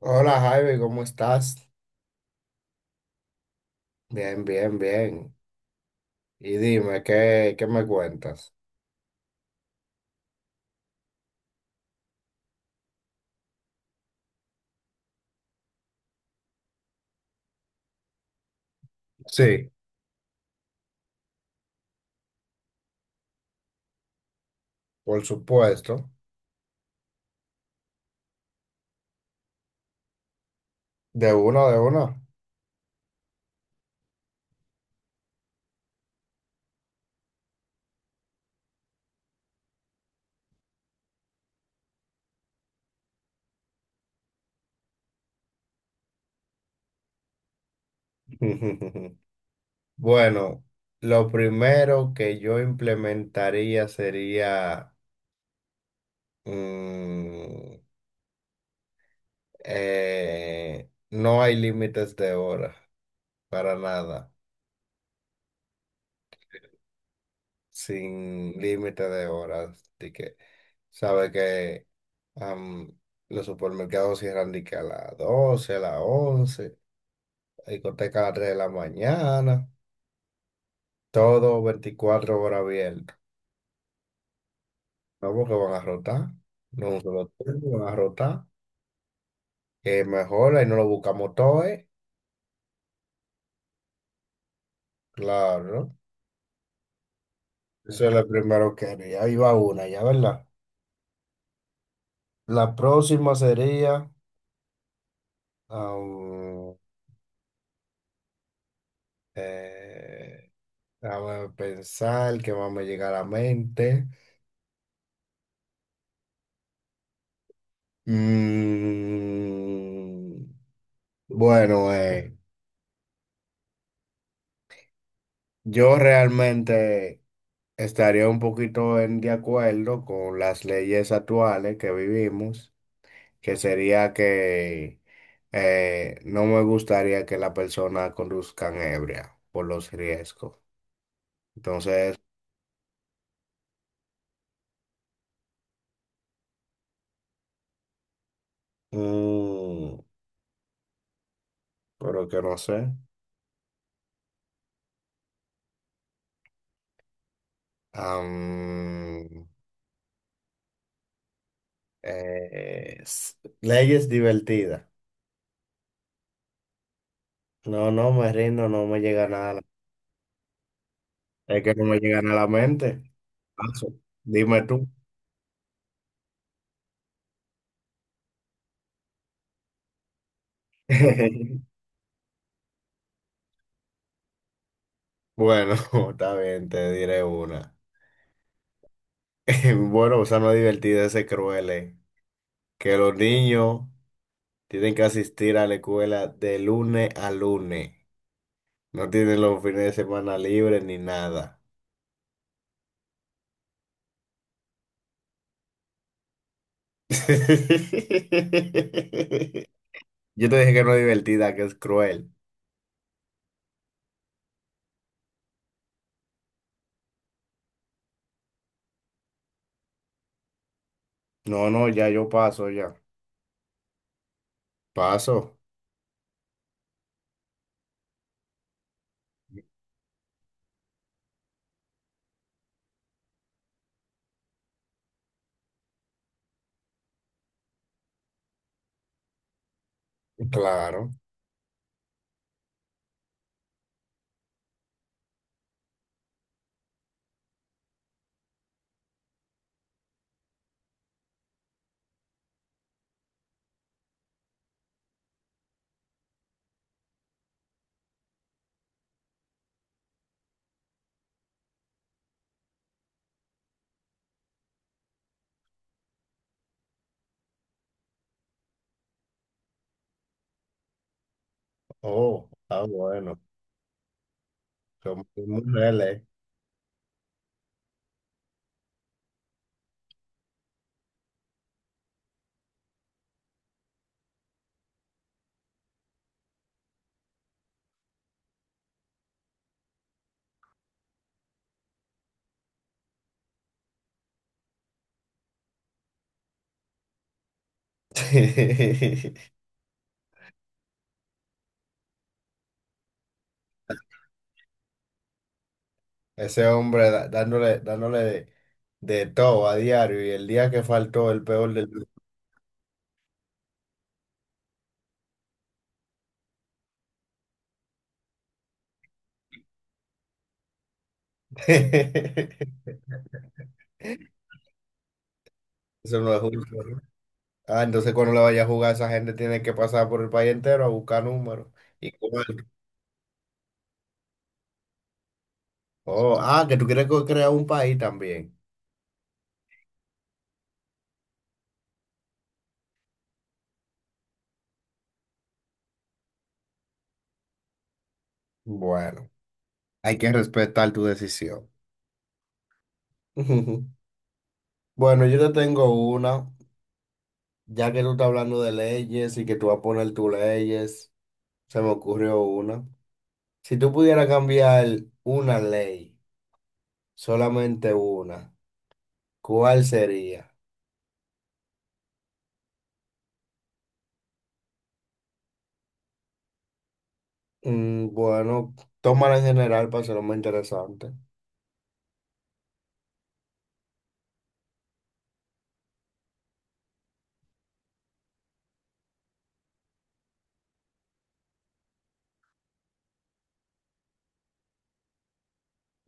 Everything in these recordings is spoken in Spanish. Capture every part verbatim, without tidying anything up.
Hola Javi, ¿cómo estás? Bien, bien, bien. Y dime, ¿qué, qué me cuentas? Sí, por supuesto. De uno, de uno. Bueno, lo primero que yo implementaría sería, mm, eh, no hay límites de horas, para nada, sin límite de horas. Así que, sabe que Am, los supermercados cierran de que a las doce a las once, la discoteca a las tres de la mañana, todo veinticuatro horas abierto. No, porque van a rotar, no un solo tiempo, van a rotar. Que mejor ahí no lo buscamos todo, ¿eh? Claro, ¿no? Eso es lo primero que haría. Ahí va una, ya, ¿verdad? La próxima sería, am, eh, déjame pensar que más me llega a la mente. Mm. Bueno, eh, yo realmente estaría un poquito en de acuerdo con las leyes actuales que vivimos, que sería que eh, no me gustaría que la persona conduzcan ebria por los riesgos. Entonces, mm, pero que no sé. am, eh, s- Leyes divertidas. No, no me rindo, no me llega nada. a la- Es que no me llegan a la mente. Paso. Dime tú. Bueno, está bien, te diré una. Bueno, o sea, no es divertido ese cruel, eh, que los niños tienen que asistir a la escuela de lunes a lunes. No tienen los fines de semana libres ni nada. Yo te dije que no es divertida, que es cruel. No, no, ya yo paso, ya. Paso. Claro. Oh, está bueno. Somos mujeres. Ese hombre da- dándole, dándole de, de todo a diario y el día que faltó el peor del Eso no es justo, ¿no? Ah, entonces cuando le vaya a jugar esa gente tiene que pasar por el país entero a buscar números. Y con el- oh, ah, que tú quieres co- crear un país también. Bueno, hay que respetar tu decisión. Bueno, yo te tengo una, ya que tú estás hablando de leyes y que tú vas a poner tus leyes, se me ocurrió una. Si tú pudieras cambiar una ley. Solamente una. ¿Cuál sería? Mm, bueno, tómala en general para hacerlo más interesante.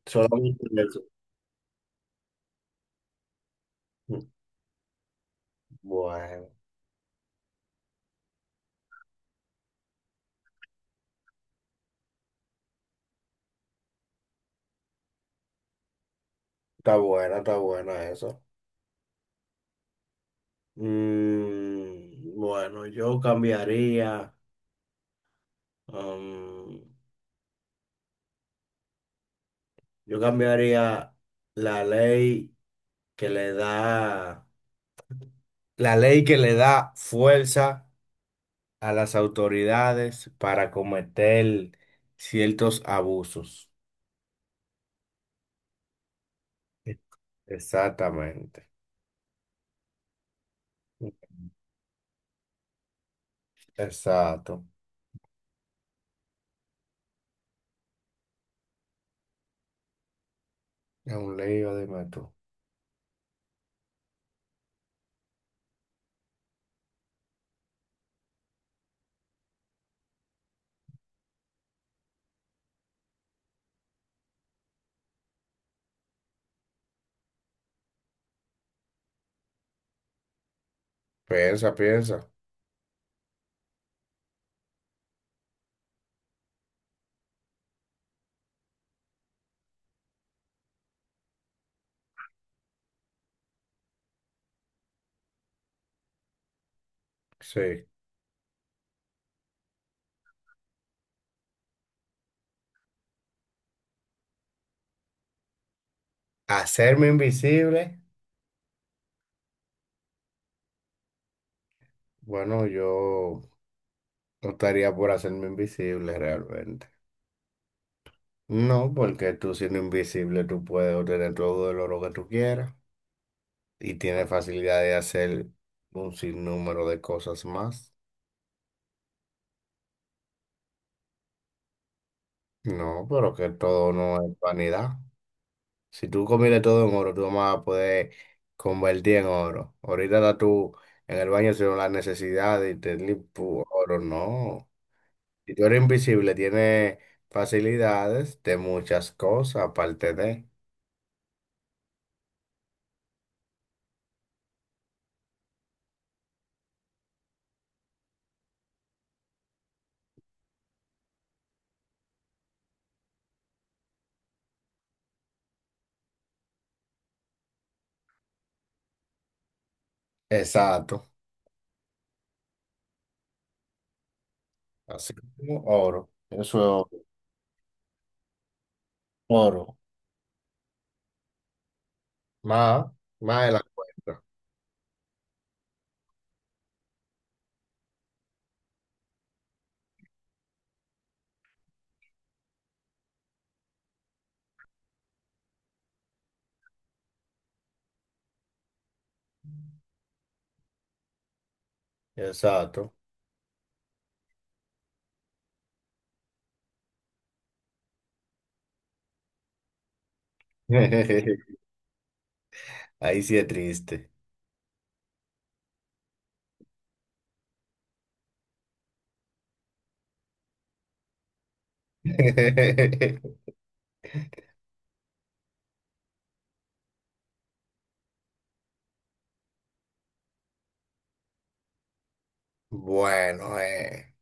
Solamente eso. Mm, Bueno, está buena, está buena eso. Mm, bueno, yo cambiaría, um, yo cambiaría, la ley que le da, la ley que le da fuerza a las autoridades para cometer ciertos abusos. E- Exactamente. Exacto, es un lío, dime tú. Piensa, piensa. Sí. Hacerme invisible. Bueno, yo optaría por hacerme invisible realmente. No, porque tú siendo invisible tú puedes obtener todo el oro que tú quieras y tienes facilidad de hacer un sinnúmero de cosas más. No, pero que todo no es vanidad. Si tú comiste todo en oro, tú no vas a poder convertir en oro. Ahorita estás tú en el baño sin la necesidad de tener pu- oro, no. Si tú eres invisible, tienes facilidades de muchas cosas, aparte de. Exacto. Así como oro. Eso es oro. Oro. Más, más de la cuenta. Exacto. Ahí sí es triste. Bueno, eh,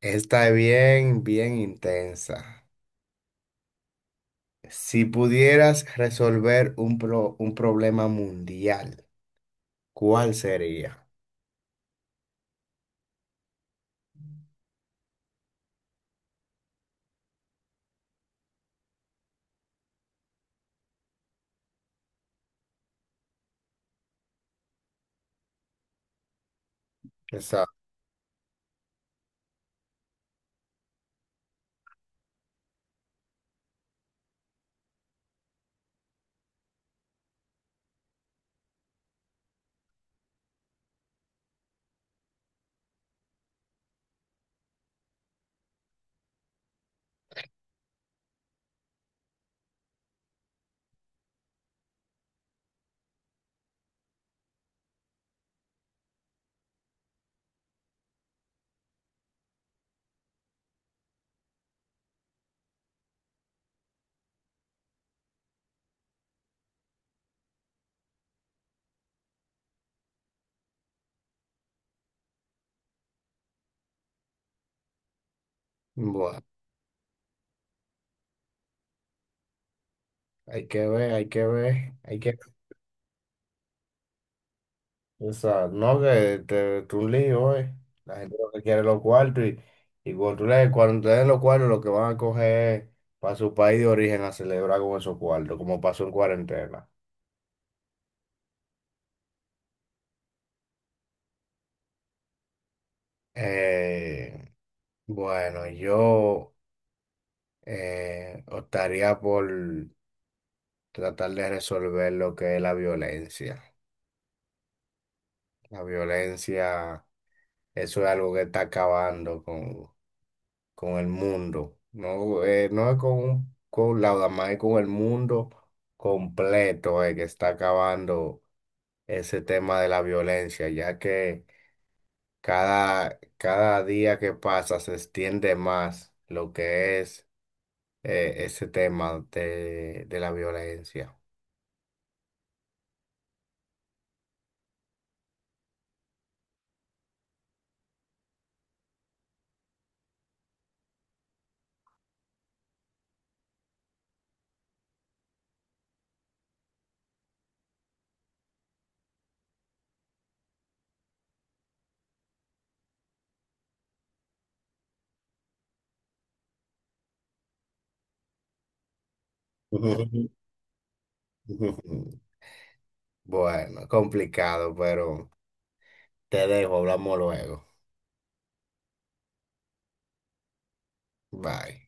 esta es bien, bien intensa. Si pudieras resolver un, pro- un problema mundial, ¿cuál sería? O bueno, hay que ver, hay que ver, hay que O no que te, te un lío, eh. La gente lo que quiere es los cuartos y, y, cuando tú le, cuando te den los cuartos, lo que van a coger para su país de origen a celebrar con esos cuartos, como pasó en cuarentena. Eh, bueno, yo eh, optaría por tratar de resolver lo que es la violencia. La violencia, eso es algo que está acabando con, con el mundo. No, eh, no es con, con Lauda más es con el mundo completo, eh, que está acabando ese tema de la violencia, ya que cada, cada día que pasa se extiende más lo que es eh, ese tema de, de la violencia. Ujú. Bueno, complicado, pero te dejo, hablamos luego. Bye.